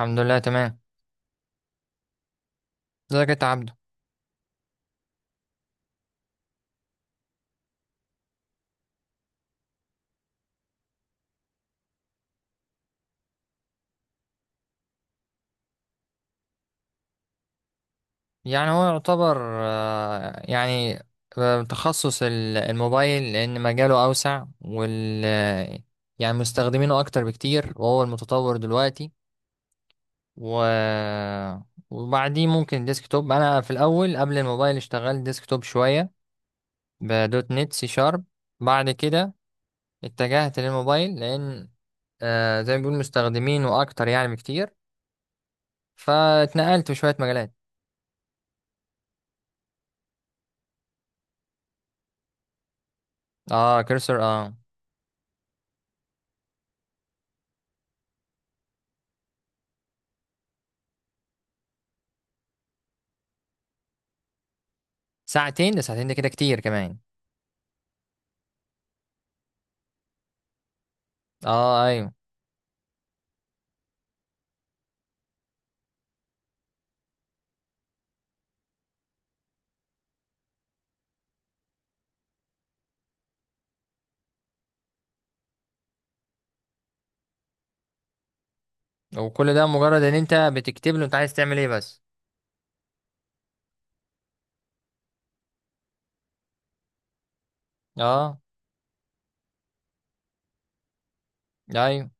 الحمد لله تمام. ازيك انت يا عبده؟ يعني هو يعتبر آه، يعني تخصص الموبايل لان مجاله اوسع وال آه، يعني مستخدمينه اكتر بكتير وهو المتطور دلوقتي و وبعديه ممكن ديسكتوب. انا في الاول قبل الموبايل اشتغلت ديسكتوب شويه، بدوت نت سي شارب. بعد كده اتجهت للموبايل لان زي ما بيقول مستخدمينه اكتر يعني بكتير، فاتنقلت في شويه مجالات. اه كرسر اه. ساعتين ده، ساعتين ده كده كتير كمان. اه ايوه. وكل ده مجرد ان انت بتكتب له انت عايز تعمل ايه بس؟ اه ايوه.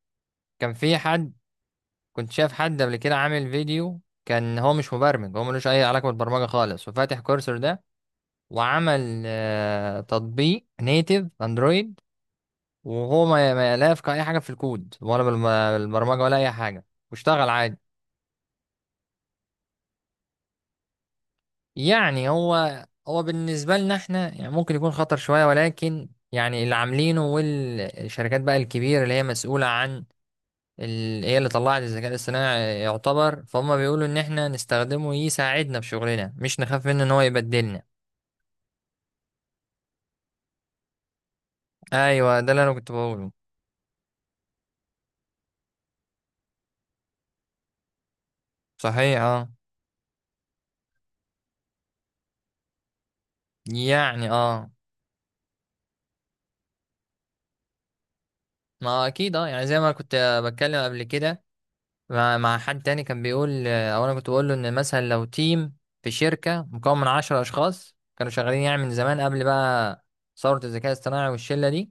كان في حد، كنت شايف حد قبل كده عامل فيديو، كان هو مش مبرمج، هو ملوش اي علاقه بالبرمجه خالص وفاتح كورسر ده، وعمل تطبيق نيتيف اندرويد وهو ما لا يفقه اي حاجه في الكود ولا بالبرمجه ولا اي حاجه، واشتغل عادي. يعني هو بالنسبة لنا احنا يعني ممكن يكون خطر شوية، ولكن يعني اللي عاملينه والشركات بقى الكبيرة اللي هي مسؤولة عن هي اللي طلعت الذكاء الاصطناعي يعتبر، فهم بيقولوا ان احنا نستخدمه يساعدنا في شغلنا، مش نخاف منه ان هو يبدلنا. ايوه ده اللي انا كنت بقوله. صحيح اه. يعني اه. ما اكيد اه، يعني زي ما كنت بتكلم قبل كده مع حد تاني، كان بيقول او انا كنت بقول له ان مثلا لو تيم في شركه مكون من عشرة اشخاص كانوا شغالين يعني من زمان قبل بقى ثوره الذكاء الاصطناعي والشله دي،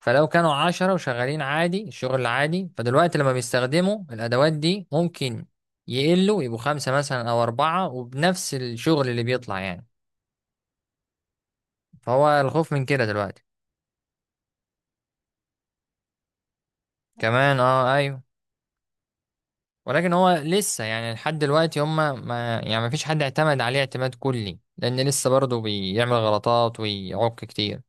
فلو كانوا عشرة وشغالين عادي الشغل العادي، فدلوقتي لما بيستخدموا الادوات دي ممكن يقلوا يبقوا خمسه مثلا او اربعه، وبنفس الشغل اللي بيطلع يعني. فهو الخوف من كده دلوقتي. كمان اه ايوه. ولكن هو لسه يعني لحد دلوقتي هم، ما يعني ما فيش حد اعتمد عليه اعتماد كلي، لان لسه برضه بيعمل غلطات ويعك كتير.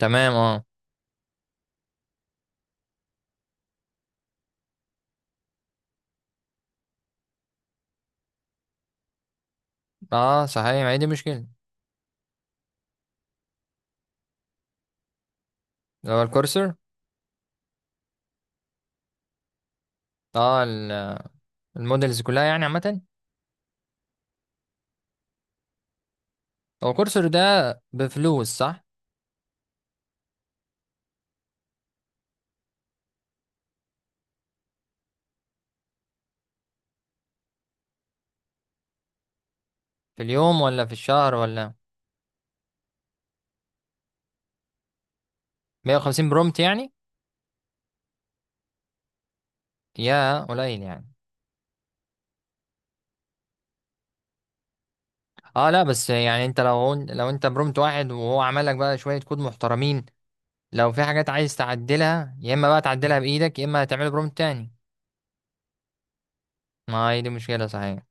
تمام اه. اه صحيح، ما هي دي مشكلة. اللي هو الكورسر. اه المودلز كلها يعني عامة. هو الكورسر ده بفلوس، صح؟ في اليوم ولا في الشهر ولا؟ 150 برومت يعني؟ يا قليل يعني. اه لا، بس يعني انت لو انت برومت واحد وهو عمل لك بقى شوية كود محترمين، لو في حاجات عايز تعدلها يا اما بقى تعدلها بايدك يا اما هتعمل برومت تاني. ما هي دي مشكله صحيح.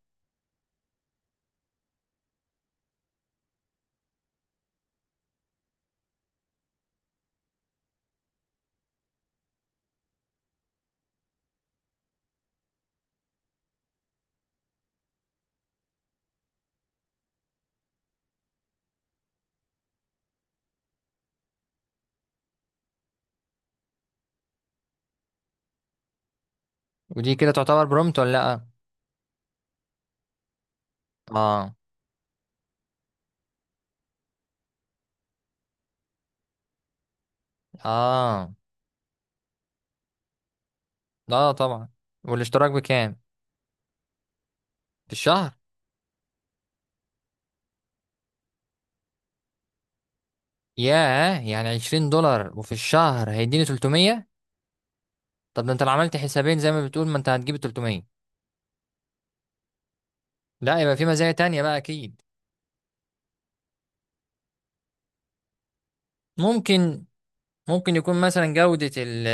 ودي كده تعتبر برومت ولا لا؟ اه. اه لا طبعا. والاشتراك بكام؟ في الشهر؟ ياه، يعني 20 دولار وفي الشهر هيديني 300؟ طب ده انت لو عملت حسابين زي ما بتقول ما انت هتجيب 300. لا يبقى في مزايا تانية بقى اكيد. ممكن. ممكن يكون مثلا جودة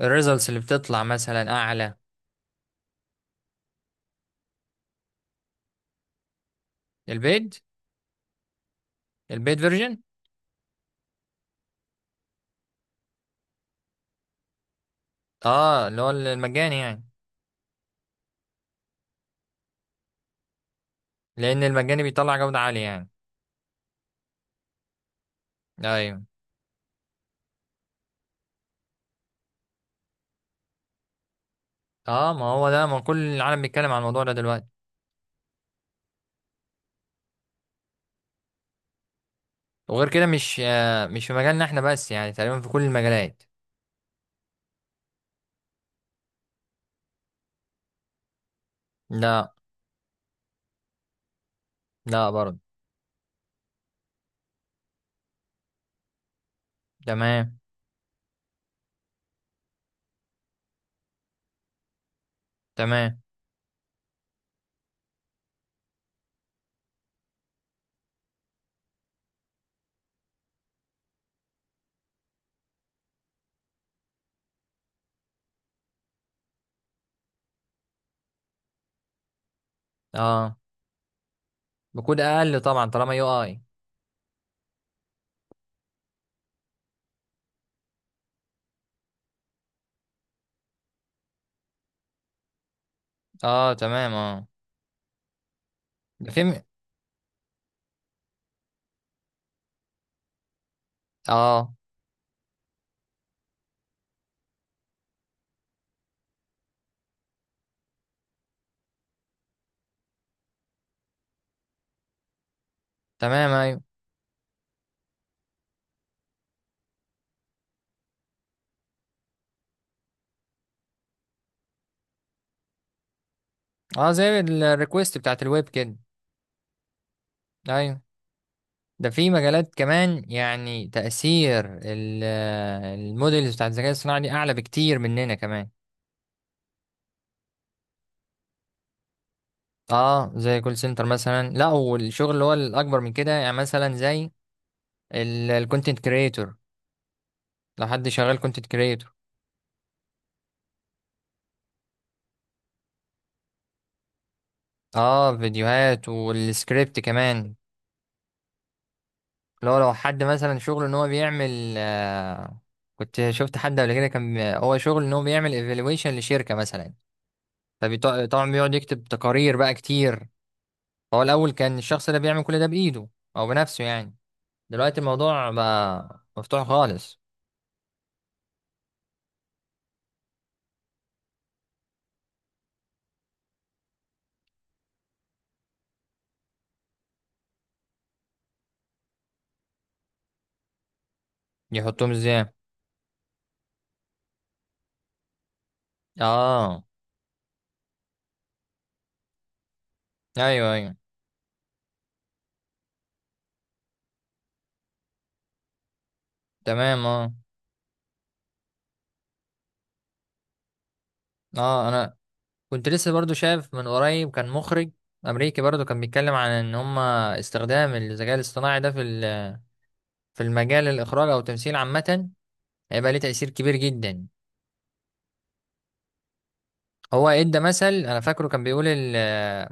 الريزلتس اللي بتطلع مثلا اعلى. البيد، البيد فيرجن. اه اللي هو المجاني يعني. لان المجاني بيطلع جودة عالية يعني. ايوه. اه ما هو ده، ما كل العالم بيتكلم عن الموضوع ده دلوقتي. وغير كده مش مش في مجالنا احنا بس، يعني تقريبا في كل المجالات. لا. لا برضه. تمام. تمام. اه بكود اقل طبعا طالما يو اي. اه تمام اه. ده في م- اه تمام ايوه. اه زي الريكوست بتاعت الويب كده. ايوه. ده في مجالات كمان، يعني تأثير الموديلز بتاعت الذكاء الصناعي دي أعلى بكتير مننا كمان. اه زي كول سنتر مثلا، لا والشغل اللي هو الاكبر من كده، يعني مثلا زي الكونتنت كريتور. لو حد شغال كونتنت كريتور. اه فيديوهات والسكريبت كمان. لو حد مثلا شغله ان هو بيعمل، آه كنت شفت حد قبل كده كان هو شغل ان هو بيعمل ايفالويشن لشركة مثلا، فطبعا بيقعد يكتب تقارير بقى كتير. فهو الاول كان الشخص ده بيعمل كل ده بايده، او بنفسه يعني. دلوقتي الموضوع بقى مفتوح خالص. يحطهم ازاي؟ اه. ايوه ايوه. تمام اه. اه انا كنت لسه برضو شايف من قريب كان مخرج امريكي برضو كان بيتكلم عن ان هم استخدام الذكاء الاصطناعي ده في في المجال الاخراج او التمثيل عامه، هيبقى ليه تاثير كبير جدا. هو ادى مثل، انا فاكره كان بيقول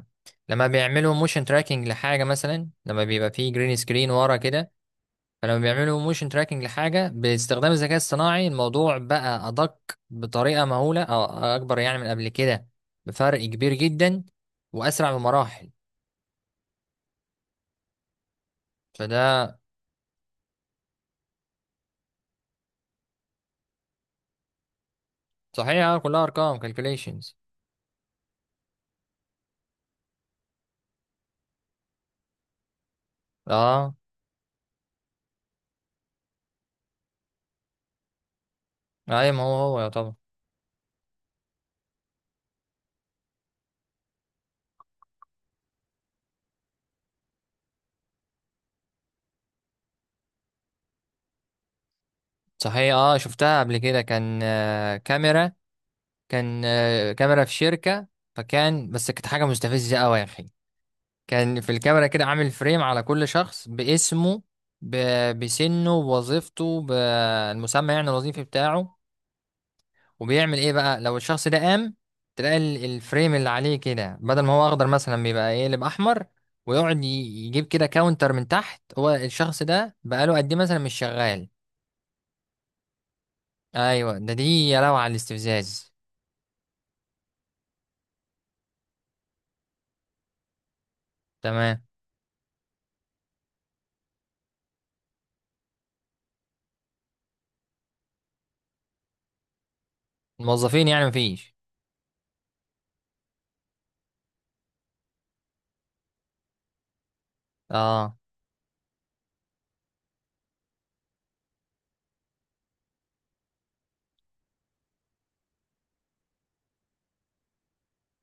لما بيعملوا موشن تراكنج لحاجه مثلا، لما بيبقى فيه جرين سكرين ورا كده، فلما بيعملوا موشن تراكنج لحاجة باستخدام الذكاء الصناعي الموضوع بقى أدق بطريقة مهولة أو أكبر يعني من قبل كده، بفرق كبير جدا وأسرع بمراحل. فده صحيح اه، كلها أرقام calculations. اه أي ما هو هو يا طبعا. صحيح اه، شفتها قبل كده كان كاميرا، كان كاميرا في شركة، فكان بس كانت حاجة مستفزة أوي يا أخي. كان في الكاميرا كده عامل فريم على كل شخص باسمه، بسنه بوظيفته بالمسمى يعني الوظيفي بتاعه. وبيعمل ايه بقى لو الشخص ده قام؟ تلاقي الفريم اللي عليه كده بدل ما هو اخضر مثلا بيبقى يقلب احمر، ويقعد يجيب كده كاونتر من تحت هو الشخص ده بقاله قد ايه مثلا مش شغال. ايوه ده دي، يا لو على الاستفزاز. تمام. الموظفين يعني مفيش؟ اه.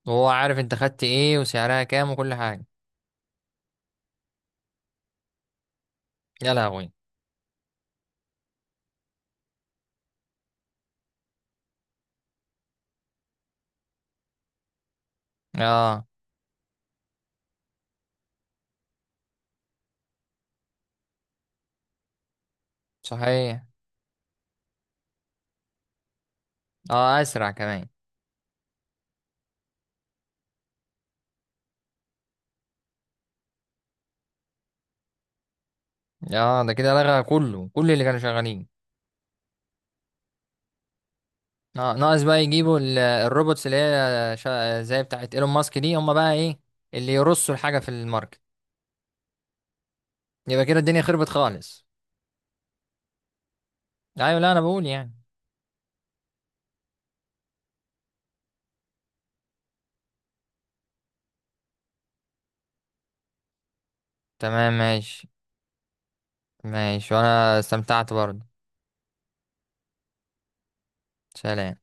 وهو عارف انت خدت ايه وسعرها كام وكل حاجه. يا لهوي. اه صحيح. اه اسرع كمان. اه ده كده لغى كله، كل اللي كانوا شغالين. اه ناقص بقى يجيبوا الروبوتس اللي هي زي بتاعت ايلون ماسك دي، هم بقى ايه اللي يرصوا الحاجة في الماركت. يبقى كده الدنيا خربت خالص. ايوه لا انا بقول يعني. تمام ماشي. ماشي وانا استمتعت برضه. سلام.